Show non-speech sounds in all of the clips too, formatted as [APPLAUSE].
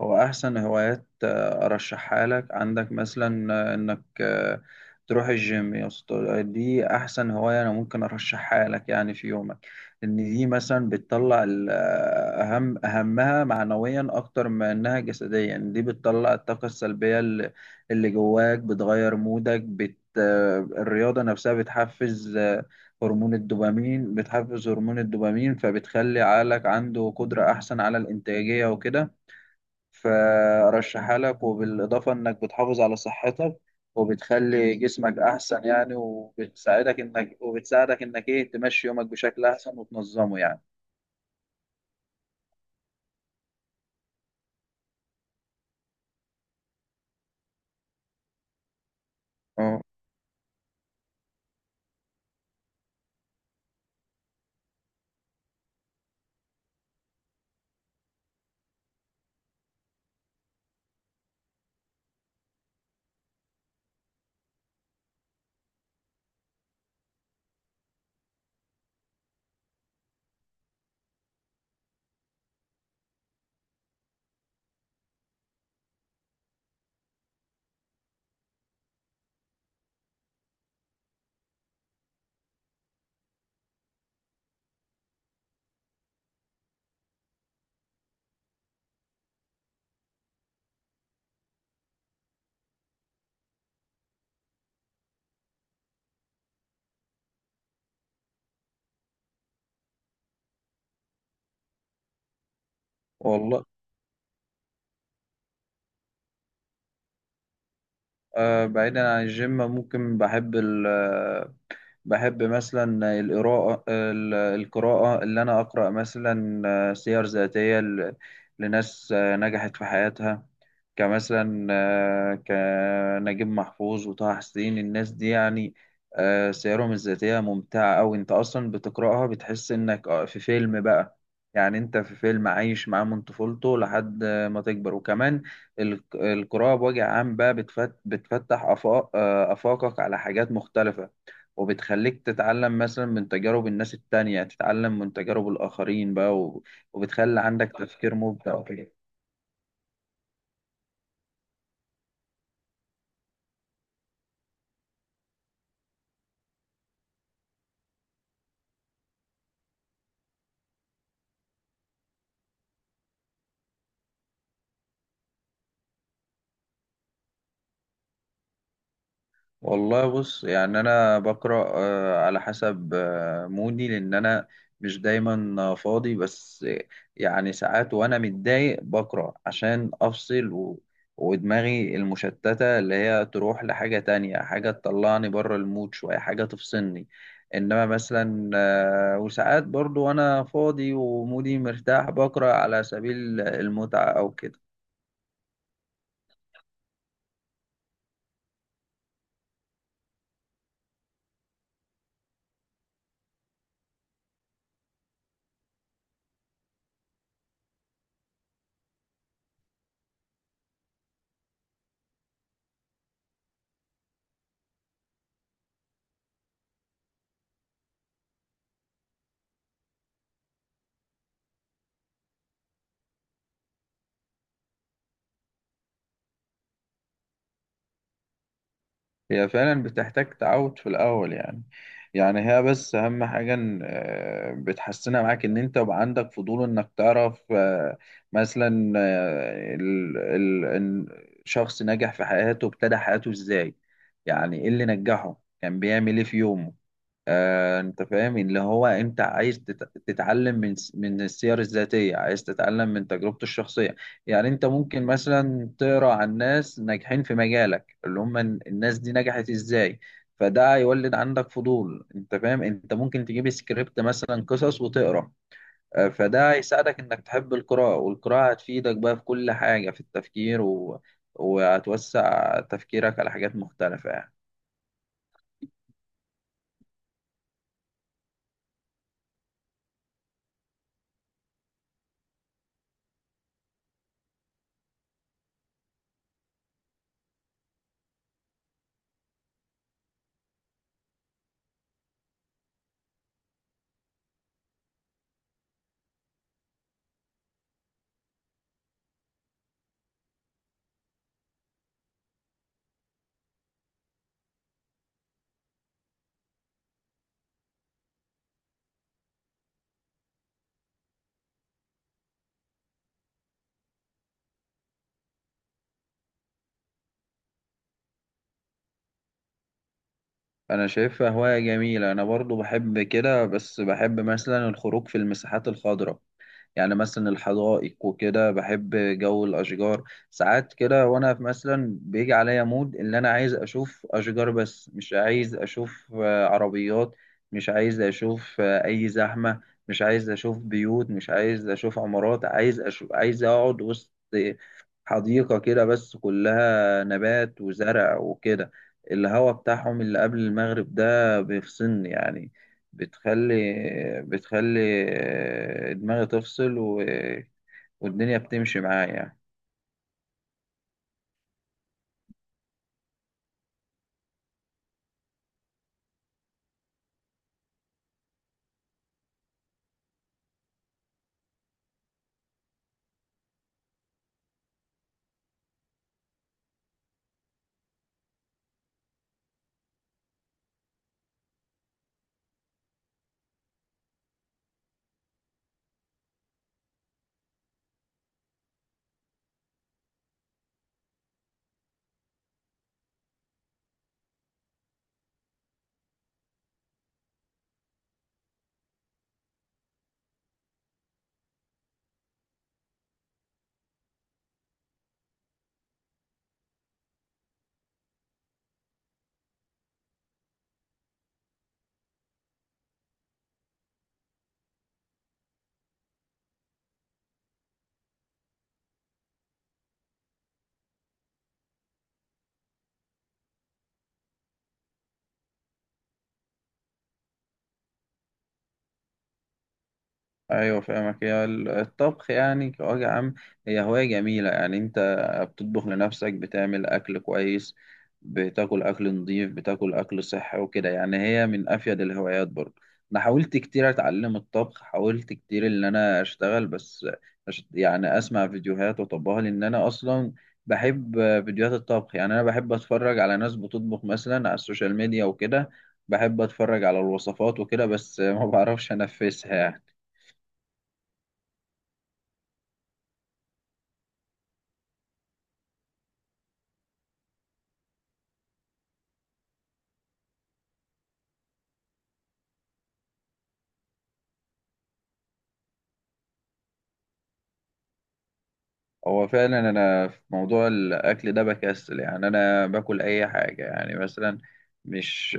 هو أحسن هوايات أرشحها لك. عندك مثلا إنك تروح الجيم يا اسطى. دي أحسن هواية أنا ممكن أرشحها لك يعني في يومك. إن دي مثلا بتطلع أهمها معنويا أكتر ما إنها جسديا. دي بتطلع الطاقة السلبية اللي جواك بتغير مودك بت آه، الرياضة نفسها بتحفز هرمون الدوبامين. فبتخلي عقلك عنده قدرة أحسن على الإنتاجية وكده. فارشحها لك، وبالاضافه انك بتحافظ على صحتك وبتخلي جسمك احسن يعني، وبتساعدك انك ايه تمشي يومك بشكل احسن وتنظمه يعني. اه والله. بعيدا عن الجيم ممكن بحب مثلا القراءة، القراءة اللي أنا أقرأ مثلا سير ذاتية لناس نجحت في حياتها، كمثلا كنجيب محفوظ وطه حسين، الناس دي يعني. سيرهم الذاتية ممتعة أوي. أنت أصلا بتقرأها بتحس إنك في فيلم بقى. يعني أنت في فيلم عايش معاه من طفولته لحد ما تكبر. وكمان القراءة بوجه عام بقى بتفتح آفاقك على حاجات مختلفة، وبتخليك تتعلم مثلا من تجارب الناس التانية، تتعلم من تجارب الآخرين بقى وبتخلي عندك تفكير مبدع وكده. والله بص، يعني انا بقرا على حسب مودي، لان انا مش دايما فاضي بس يعني ساعات وانا متضايق بقرا عشان افصل ودماغي المشتته اللي هي تروح لحاجه تانية، حاجه تطلعني بره المود شويه، حاجه تفصلني. انما مثلا وساعات برضو وانا فاضي ومودي مرتاح بقرا على سبيل المتعه او كده. هي فعلا بتحتاج تعود في الأول يعني. يعني هي بس أهم حاجة إن بتحسنها معاك إن أنت يبقى عندك فضول إنك تعرف مثلا إن شخص نجح في حياته ابتدى حياته إزاي، يعني إيه اللي نجحه، كان بيعمل إيه في يومه. أنت فاهم، اللي هو أنت عايز تتعلم من من السير الذاتية، عايز تتعلم من تجربته الشخصية. يعني أنت ممكن مثلا تقرأ عن ناس ناجحين في مجالك، اللي هم الناس دي نجحت ازاي. فده هيولد عندك فضول، انت فاهم، انت ممكن تجيب سكريبت مثلا قصص وتقرا. فده هيساعدك انك تحب القراءة، والقراءة هتفيدك بقى في كل حاجة، في التفكير وهتوسع تفكيرك على حاجات مختلفة يعني. انا شايفها هواية جميلة. انا برضو بحب كده بس بحب مثلا الخروج في المساحات الخضراء، يعني مثلا الحدائق وكده. بحب جو الأشجار. ساعات كده وأنا مثلا بيجي عليا مود إن أنا عايز أشوف أشجار، بس مش عايز أشوف عربيات، مش عايز أشوف أي زحمة، مش عايز أشوف بيوت، مش عايز أشوف عمارات، عايز أقعد وسط حديقة كده بس كلها نبات وزرع وكده. الهوا بتاعهم اللي قبل المغرب ده بيفصلني يعني. بتخلي بتخلي دماغي تفصل والدنيا بتمشي معايا يعني. ايوه فاهمك. هي الطبخ يعني كوجه عام هي هوايه جميله يعني، انت بتطبخ لنفسك، بتعمل اكل كويس، بتاكل اكل نظيف، بتاكل اكل صحي وكده يعني. هي من افيد الهوايات برضه. انا حاولت كتير اتعلم الطبخ، حاولت كتير ان انا اشتغل، بس يعني اسمع فيديوهات واطبقها، لان انا اصلا بحب فيديوهات الطبخ. يعني انا بحب اتفرج على ناس بتطبخ مثلا على السوشيال ميديا وكده، بحب اتفرج على الوصفات وكده، بس [LAUGHS] ما بعرفش انفذها يعني. هو فعلا انا في موضوع الاكل ده بكسل يعني، انا باكل اي حاجه. يعني مثلا مش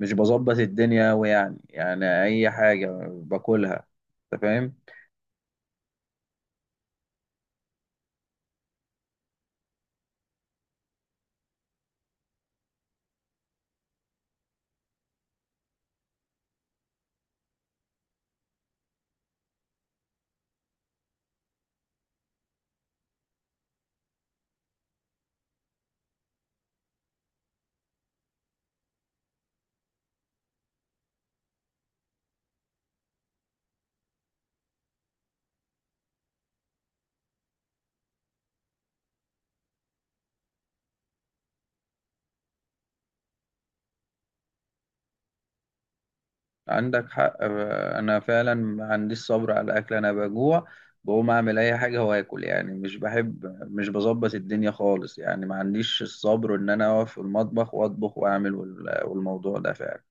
مش بظبط الدنيا أوي، يعني اي حاجه باكلها، انت فاهم. عندك حق. انا فعلا ما عنديش صبر على الاكل، انا بجوع بقوم اعمل اي حاجه واكل يعني. مش بحب، مش بظبط الدنيا خالص يعني، ما عنديش الصبر ان انا اقف في المطبخ واطبخ واعمل والموضوع ده فعلا.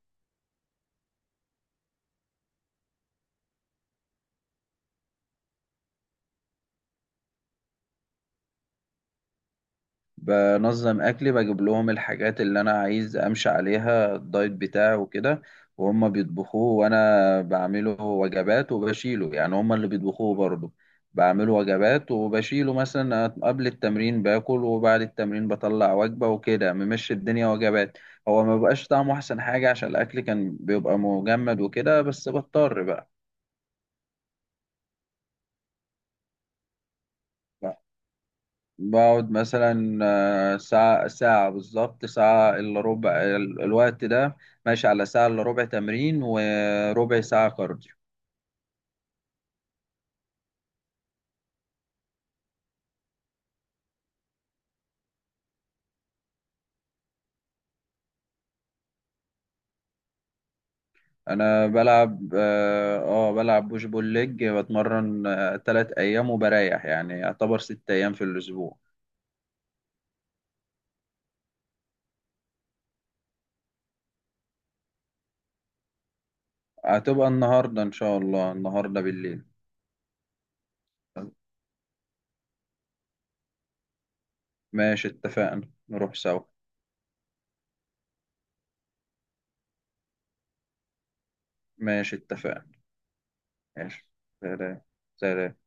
بنظم اكلي، بجيب لهم الحاجات اللي انا عايز امشي عليها الدايت بتاعي وكده، وهم بيطبخوه. وانا بعمله وجبات وبشيله، يعني هم اللي بيطبخوه برضه، بعمله وجبات وبشيله، مثلا قبل التمرين باكل وبعد التمرين بطلع وجبة وكده، ممشي الدنيا وجبات. هو ما بقاش طعمه احسن حاجة عشان الاكل كان بيبقى مجمد وكده، بس بضطر بقى. بقعد مثلا ساعة، ساعة بالظبط، ساعة إلا ربع. الوقت ده ماشي على ساعة إلا ربع تمرين وربع ساعة كارديو. أنا بلعب آه آه، بلعب بوش بول ليج. بتمرن 3 أيام وبريح، يعني يعتبر 6 أيام في الأسبوع. هتبقى النهاردة إن شاء الله، النهاردة بالليل. ماشي اتفقنا نروح سوا. ماشي اتفقنا. ماشي. سلام. سلام.